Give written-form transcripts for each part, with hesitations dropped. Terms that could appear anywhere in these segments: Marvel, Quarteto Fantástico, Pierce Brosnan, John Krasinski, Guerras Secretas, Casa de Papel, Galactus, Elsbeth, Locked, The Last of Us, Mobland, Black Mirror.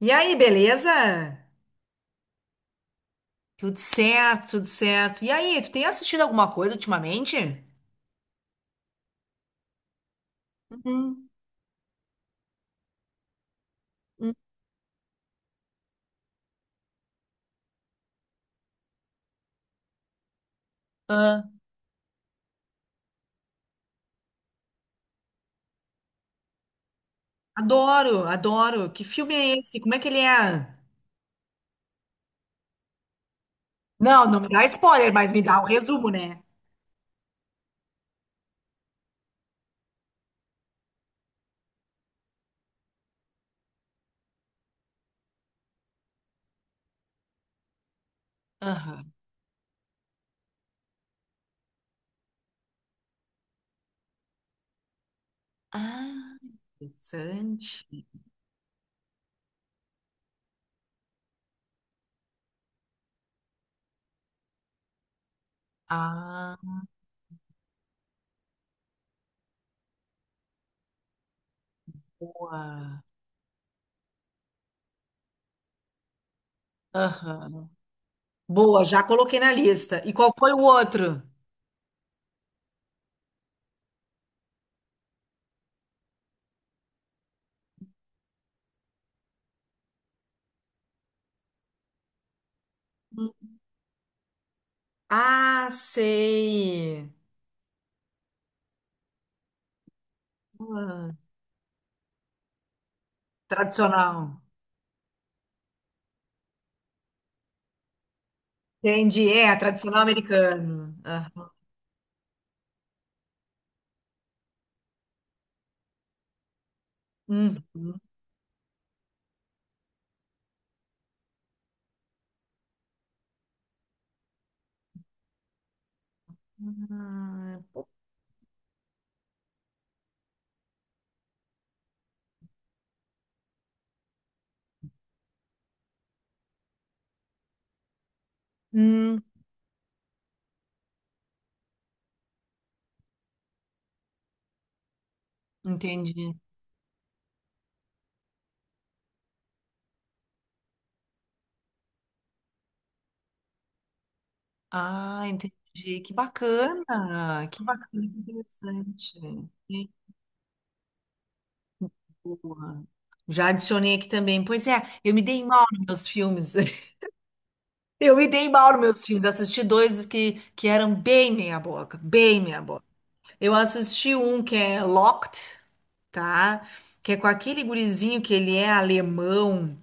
E aí, beleza? Tudo certo, tudo certo. E aí, tu tem assistido alguma coisa ultimamente? Uhum, uhum. Ah. Adoro, adoro. Que filme é esse? Como é que ele é? Não, não me dá spoiler, mas me dá um resumo, né? Aham. Ah, interessante. Ah, boa. Aham. Boa, já coloquei na lista. E qual foi o outro? Hum. Ah, sei. Ah, tradicional. Entendi. É, tradicional americano. Uhum. Ah, Hum, entendi. Ah, entendi. Que bacana. Que bacana, que interessante. Que boa. Já adicionei aqui também. Pois é, eu me dei mal nos meus filmes. Eu me dei mal nos meus filmes. Assisti dois que eram bem meia boca, bem meia boca. Eu assisti um que é Locked, tá? Que é com aquele gurizinho que ele é alemão,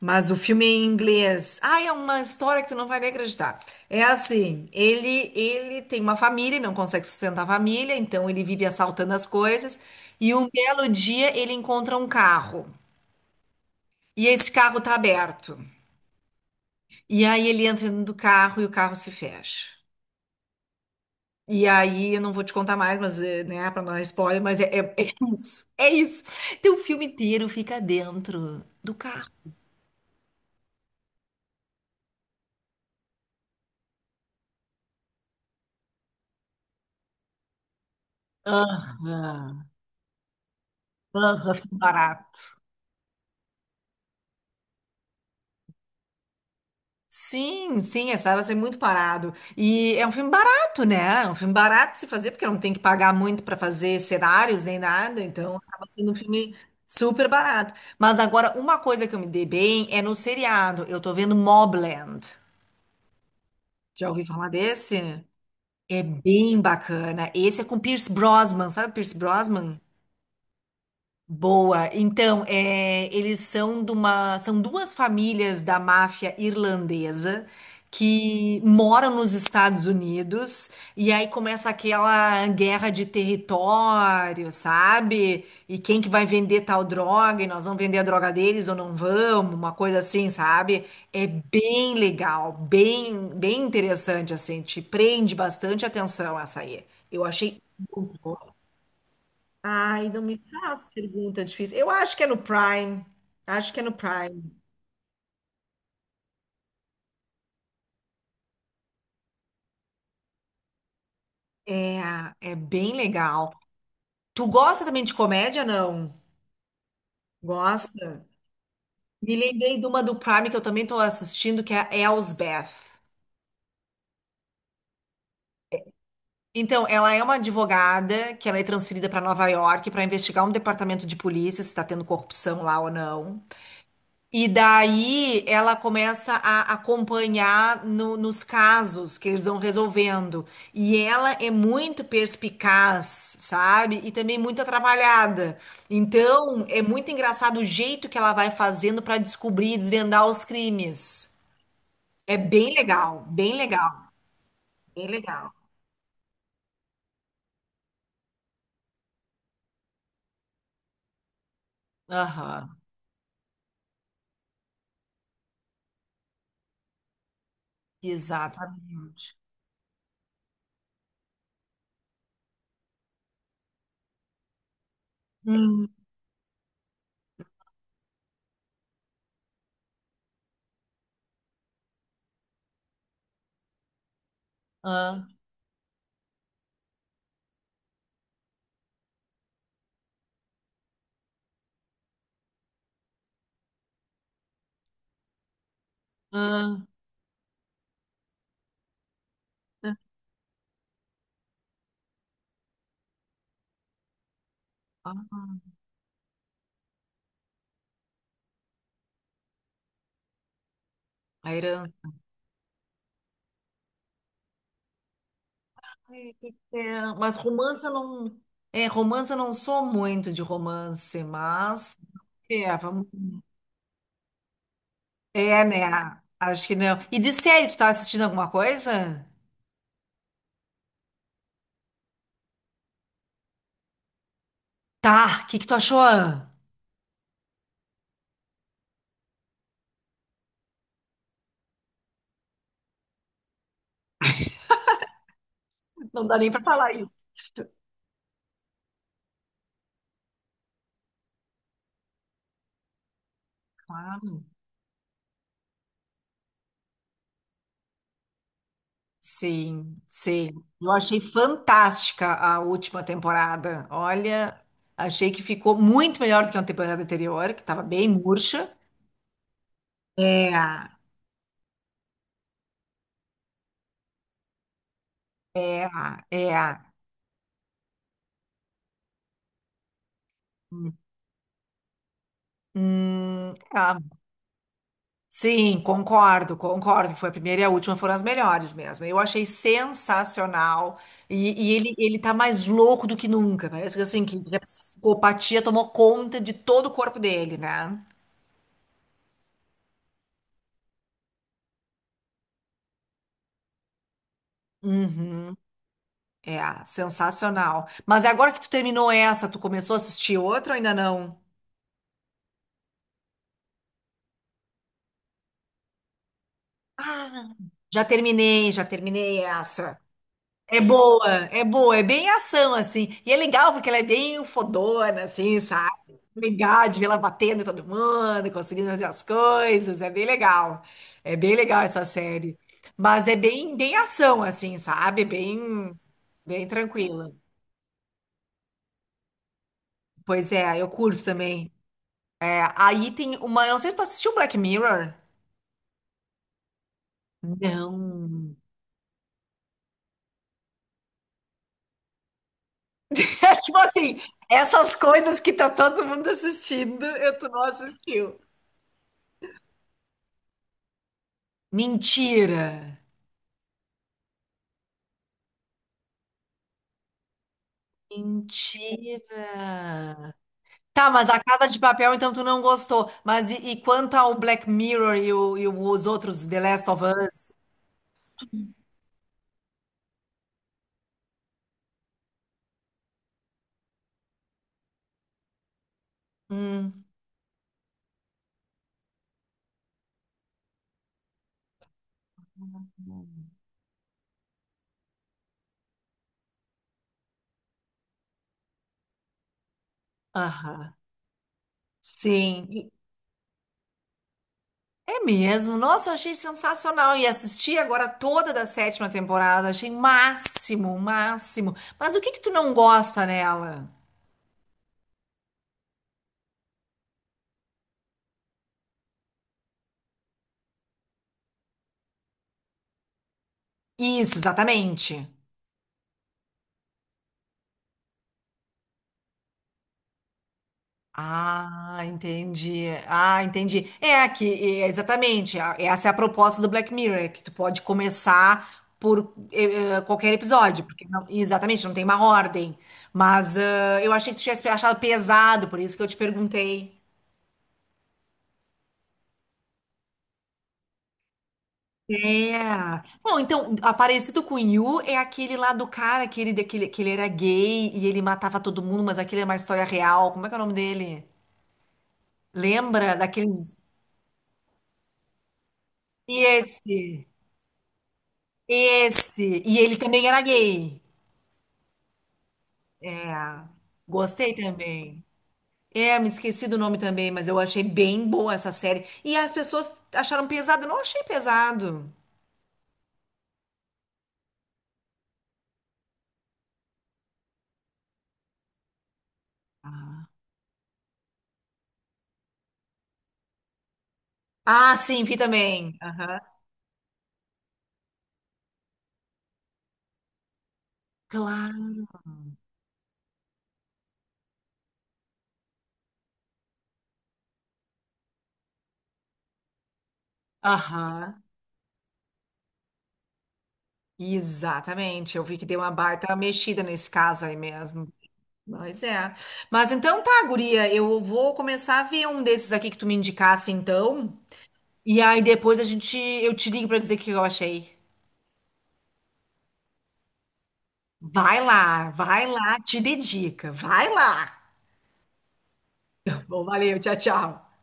mas o filme é em inglês. Ah, é uma história que tu não vai nem acreditar. É assim, ele tem uma família e não consegue sustentar a família, então ele vive assaltando as coisas e um belo dia ele encontra um carro. E esse carro tá aberto. E aí ele entra dentro do carro e o carro se fecha. E aí, eu não vou te contar mais, mas, né, pra não dar spoiler, mas é isso. É isso. Então, o filme inteiro fica dentro do carro. Aham. Aham, filme barato. Sim, sim, essa vai ser muito parado. E é um filme barato, né? É um filme barato de se fazer, porque não tem que pagar muito para fazer cenários nem nada, então acaba sendo um filme super barato. Mas agora, uma coisa que eu me dei bem é no seriado. Eu tô vendo Mobland. Já ouvi falar desse? É bem bacana. Esse é com Pierce Brosnan, sabe o Pierce Brosnan? Boa. Então, é, eles são de uma, são duas famílias da máfia irlandesa que moram nos Estados Unidos e aí começa aquela guerra de território, sabe? E quem que vai vender tal droga? E nós vamos vender a droga deles ou não vamos? Uma coisa assim, sabe? É bem legal, bem, bem interessante assim, te prende bastante atenção essa aí. Eu achei muito boa. Ai, não me faz pergunta difícil. Eu acho que é no Prime. Acho que é no Prime. É, é bem legal. Tu gosta também de comédia, não? Gosta? Me lembrei de uma do Prime que eu também tô assistindo, que é a Elsbeth. Então, ela é uma advogada que ela é transferida para Nova York para investigar um departamento de polícia se está tendo corrupção lá ou não. E daí ela começa a acompanhar nos casos que eles vão resolvendo. E ela é muito perspicaz, sabe? E também muito atrapalhada. Então, é muito engraçado o jeito que ela vai fazendo para descobrir e desvendar os crimes. É bem legal, bem legal, bem legal. Aham, exatamente. Hum, ah, ah, ah, ah. A herança. É, mas romance eu não. É, romance eu não sou muito de romance, mas. É, é, né? Acho que não. E de série, tu tá assistindo alguma coisa? Tá, o que que tu achou? Não dá nem pra falar isso. Claro. Sim, sim. Eu achei fantástica a última temporada. Olha, achei que ficou muito melhor do que a temporada anterior, que estava bem murcha. É, é, é. Hum, é. Sim, concordo, concordo. Que foi a primeira e a última foram as melhores mesmo. Eu achei sensacional. E ele tá mais louco do que nunca. Parece que assim, que a psicopatia tomou conta de todo o corpo dele, né? Uhum. É, sensacional. Mas agora que tu terminou essa, tu começou a assistir outra ou ainda não? Ah, já terminei essa. É boa, é boa, é bem ação, assim. E é legal porque ela é bem fodona, assim, sabe? Legal de ver ela batendo em todo mundo, conseguindo fazer as coisas, é bem legal. É bem legal essa série. Mas é bem, bem ação, assim, sabe? Bem, bem tranquila. Pois é, eu curto também. É, aí tem uma, não sei se tu assistiu Black Mirror. Não. É tipo assim, essas coisas que tá todo mundo assistindo, eu tu não assistiu. Mentira. Mentira. Tá, mas a Casa de Papel, então tu não gostou. Mas e quanto ao Black Mirror e os outros The Last of Us? Hum. Aham. Sim. É mesmo. Nossa, eu achei sensacional. E assisti agora toda da sétima temporada. Achei máximo, máximo. Mas o que que tu não gosta nela? Isso, exatamente. Ah, entendi. Ah, entendi. É que é, exatamente. Essa é a proposta do Black Mirror, é que tu pode começar por qualquer episódio, porque exatamente, não tem uma ordem. Mas ah, eu achei que tu tivesse achado pesado, por isso que eu te perguntei. É. Bom, então, Aparecido com You é aquele lá do cara que ele era gay e ele matava todo mundo, mas aquele é uma história real. Como é que é o nome dele? Lembra daqueles. Esse. Esse. E ele também era gay. É. Gostei também. É, me esqueci do nome também, mas eu achei bem boa essa série. E as pessoas acharam pesado. Eu não achei pesado. Ah, sim, vi também. Aham. Claro. Aham. Exatamente. Eu vi que deu uma baita mexida nesse caso aí mesmo. Mas é. Mas então tá, guria. Eu vou começar a ver um desses aqui que tu me indicasse, então. E aí depois a gente, eu te ligo pra dizer o que eu achei. Vai lá, te dedica, vai lá. Bom, valeu, tchau, tchau.